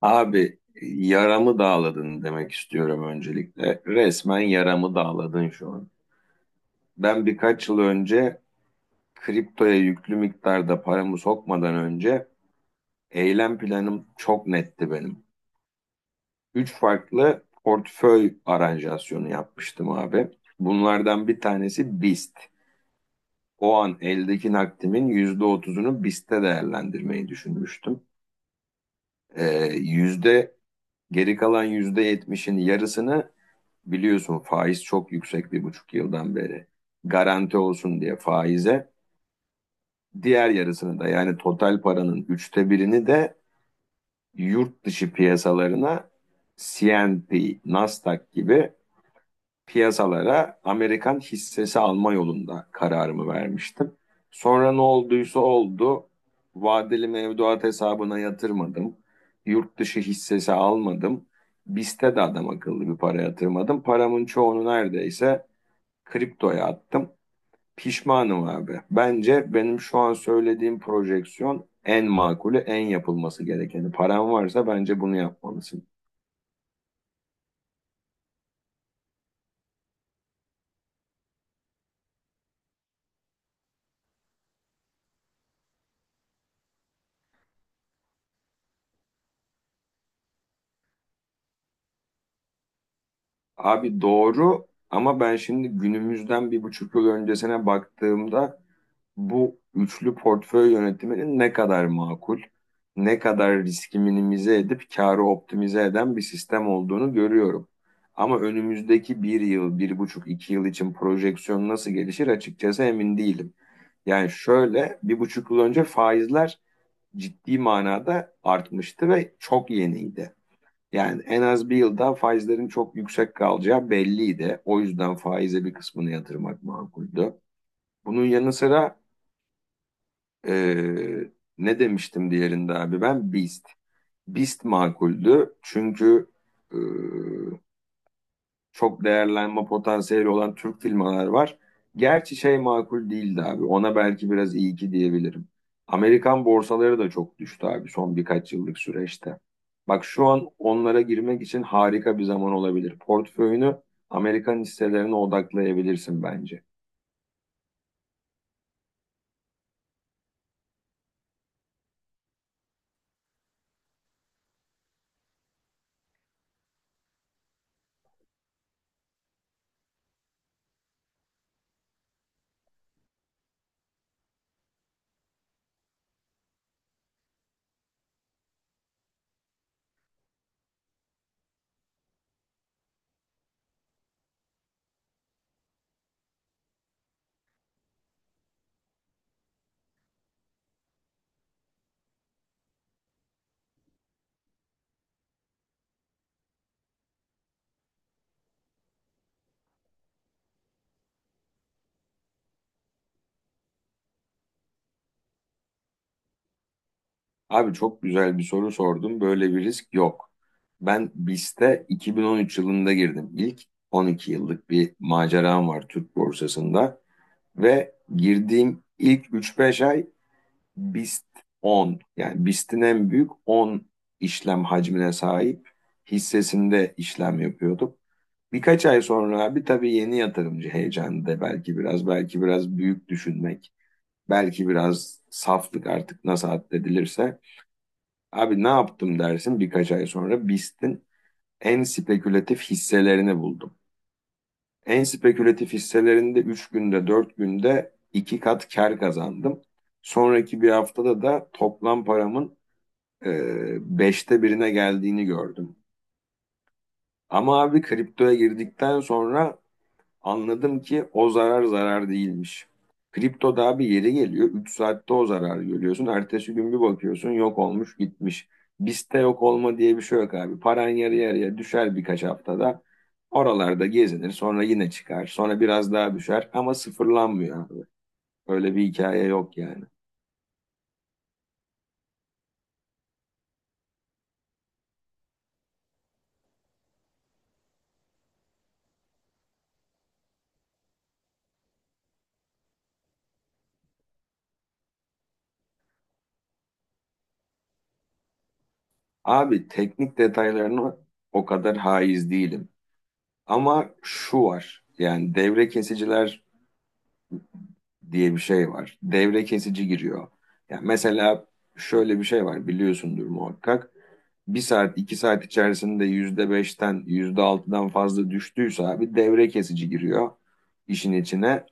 Abi yaramı dağladın demek istiyorum öncelikle. Resmen yaramı dağladın şu an. Ben birkaç yıl önce kriptoya yüklü miktarda paramı sokmadan önce eylem planım çok netti benim. Üç farklı portföy aranjasyonu yapmıştım abi. Bunlardan bir tanesi BIST. O an eldeki nakdimin %30'unu BIST'te değerlendirmeyi düşünmüştüm. Ee, yüzde Geri kalan %70'in yarısını biliyorsun faiz çok yüksek bir buçuk yıldan beri. Garanti olsun diye faize diğer yarısını da yani total paranın üçte birini de yurt dışı piyasalarına CNP, Nasdaq gibi piyasalara Amerikan hissesi alma yolunda kararımı vermiştim. Sonra ne olduysa oldu. Vadeli mevduat hesabına yatırmadım. Yurt dışı hissesi almadım. BIST'e de adam akıllı bir para yatırmadım. Paramın çoğunu neredeyse kriptoya attım. Pişmanım abi. Bence benim şu an söylediğim projeksiyon en makulü, en yapılması gerekeni. Paran varsa bence bunu yapmalısın. Abi doğru ama ben şimdi günümüzden bir buçuk yıl öncesine baktığımda bu üçlü portföy yönetiminin ne kadar makul, ne kadar riski minimize edip karı optimize eden bir sistem olduğunu görüyorum. Ama önümüzdeki bir yıl, bir buçuk, iki yıl için projeksiyon nasıl gelişir açıkçası emin değilim. Yani şöyle bir buçuk yıl önce faizler ciddi manada artmıştı ve çok yeniydi. Yani en az bir yıl daha faizlerin çok yüksek kalacağı belliydi. O yüzden faize bir kısmını yatırmak makuldü. Bunun yanı sıra eee, ne demiştim diğerinde abi ben BIST. BIST makuldü çünkü eee, çok değerlenme potansiyeli olan Türk filmleri var. Gerçi şey makul değildi abi. Ona belki biraz iyi ki diyebilirim. Amerikan borsaları da çok düştü abi son birkaç yıllık süreçte. Bak şu an onlara girmek için harika bir zaman olabilir. Portföyünü Amerikan hisselerine odaklayabilirsin bence. Abi çok güzel bir soru sordum. Böyle bir risk yok. Ben BIST'e 2013 yılında girdim. İlk 12 yıllık bir maceram var Türk borsasında. Ve girdiğim ilk üç beş ay BIST 10, yani BIST'in en büyük 10 işlem hacmine sahip hissesinde işlem yapıyorduk. Birkaç ay sonra abi tabii yeni yatırımcı heyecanı da belki biraz büyük düşünmek, belki biraz saflık artık nasıl addedilirse, abi ne yaptım dersin, birkaç ay sonra BIST'in en spekülatif hisselerini buldum. En spekülatif hisselerinde 3 günde 4 günde 2 kat kar kazandım. Sonraki bir haftada da toplam paramın e, 5'te birine geldiğini gördüm. Ama abi kriptoya girdikten sonra anladım ki o zarar zarar değilmiş. Kripto daha bir yeri geliyor. 3 saatte o zararı görüyorsun. Ertesi gün bir bakıyorsun yok olmuş gitmiş. Bizde yok olma diye bir şey yok abi. Paran yarı yarıya düşer birkaç haftada. Oralarda gezinir sonra yine çıkar. Sonra biraz daha düşer ama sıfırlanmıyor abi. Öyle bir hikaye yok yani. Abi teknik detaylarına o kadar haiz değilim. Ama şu var, yani devre kesiciler diye bir şey var. Devre kesici giriyor. Yani mesela şöyle bir şey var biliyorsundur muhakkak. Bir saat iki saat içerisinde %5'ten yüzde altıdan fazla düştüyse abi devre kesici giriyor işin içine.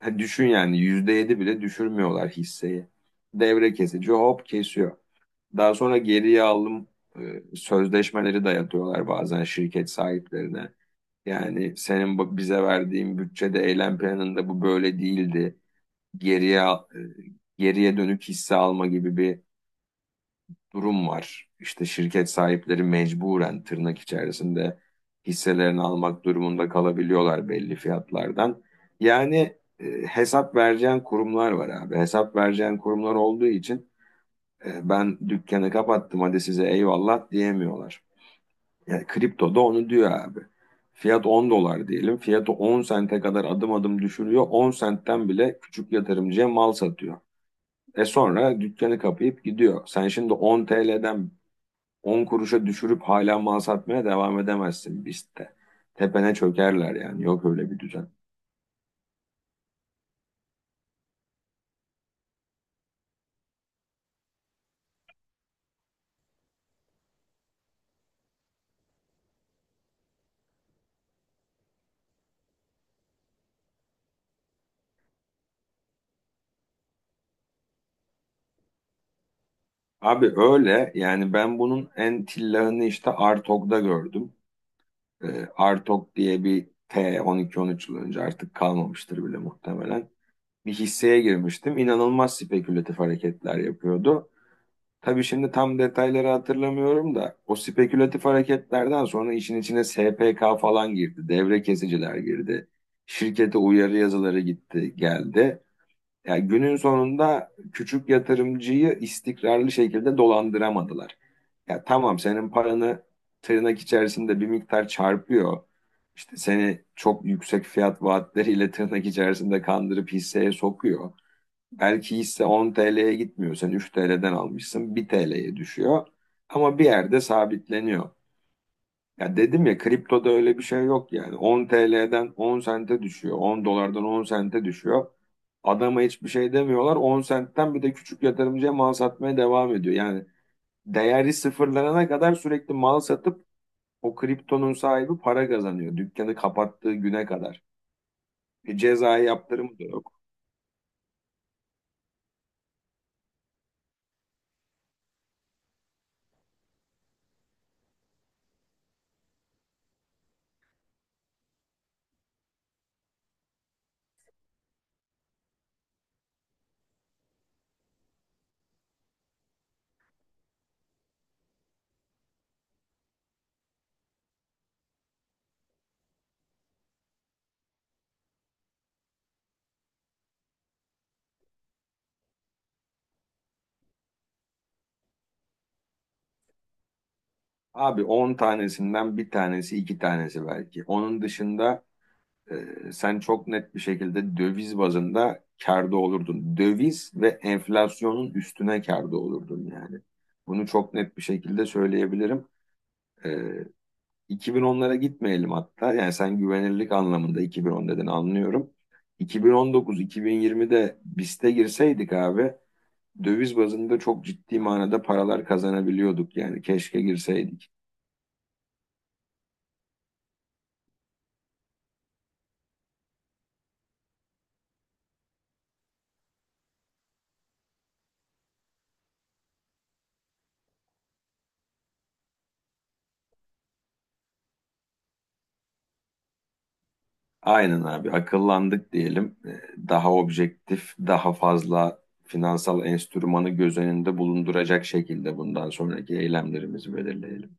Ha, düşün yani %7 bile düşürmüyorlar hisseyi. Devre kesici hop kesiyor. Daha sonra geriye alım sözleşmeleri dayatıyorlar bazen şirket sahiplerine. Yani senin bize verdiğin bütçede, eylem planında bu böyle değildi, geriye e, geriye dönük hisse alma gibi bir durum var. İşte şirket sahipleri mecburen tırnak içerisinde hisselerini almak durumunda kalabiliyorlar belli fiyatlardan. Yani hesap vereceğin kurumlar var abi. Hesap vereceğin kurumlar olduğu için ben dükkanı kapattım hadi size eyvallah diyemiyorlar. Yani kripto da onu diyor abi. Fiyat 10 dolar diyelim. Fiyatı 10 sente kadar adım adım düşürüyor. 10 sentten bile küçük yatırımcıya mal satıyor. Sonra dükkanı kapayıp gidiyor. Sen şimdi 10 TL'den 10 kuruşa düşürüp hala mal satmaya devam edemezsin biz de. Tepene çökerler, yani yok öyle bir düzen. Abi öyle yani, ben bunun en tillahını işte Artok'da gördüm. Artok diye bir T 12-13 yıl önce, artık kalmamıştır bile muhtemelen. Bir hisseye girmiştim. İnanılmaz spekülatif hareketler yapıyordu. Tabii şimdi tam detayları hatırlamıyorum da o spekülatif hareketlerden sonra işin içine SPK falan girdi, devre kesiciler girdi, şirkete uyarı yazıları gitti, geldi. Yani günün sonunda küçük yatırımcıyı istikrarlı şekilde dolandıramadılar. Ya tamam, senin paranı tırnak içerisinde bir miktar çarpıyor. İşte seni çok yüksek fiyat vaatleriyle tırnak içerisinde kandırıp hisseye sokuyor. Belki hisse 10 TL'ye gitmiyor. Sen 3 TL'den almışsın 1 TL'ye düşüyor. Ama bir yerde sabitleniyor. Ya dedim ya, kriptoda öyle bir şey yok yani. 10 TL'den 10 sente düşüyor. 10 dolardan 10 sente düşüyor. Adama hiçbir şey demiyorlar. 10 sentten bir de küçük yatırımcıya mal satmaya devam ediyor. Yani değeri sıfırlanana kadar sürekli mal satıp o kriptonun sahibi para kazanıyor. Dükkanı kapattığı güne kadar. Cezai yaptırımı da yok. Abi 10 tanesinden bir tanesi iki tanesi belki. Onun dışında sen çok net bir şekilde döviz bazında kârda olurdun. Döviz ve enflasyonun üstüne kârda olurdun yani. Bunu çok net bir şekilde söyleyebilirim. E, 2010'lara gitmeyelim hatta. Yani sen güvenirlik anlamında 2010 dedin, anlıyorum. 2019-2020'de BIST'e girseydik abi, döviz bazında çok ciddi manada paralar kazanabiliyorduk, yani keşke girseydik. Aynen abi, akıllandık diyelim. Daha objektif, daha fazla finansal enstrümanı göz önünde bulunduracak şekilde bundan sonraki eylemlerimizi belirleyelim.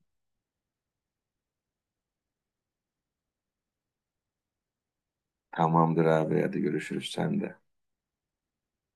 Tamamdır abi, hadi görüşürüz sen de.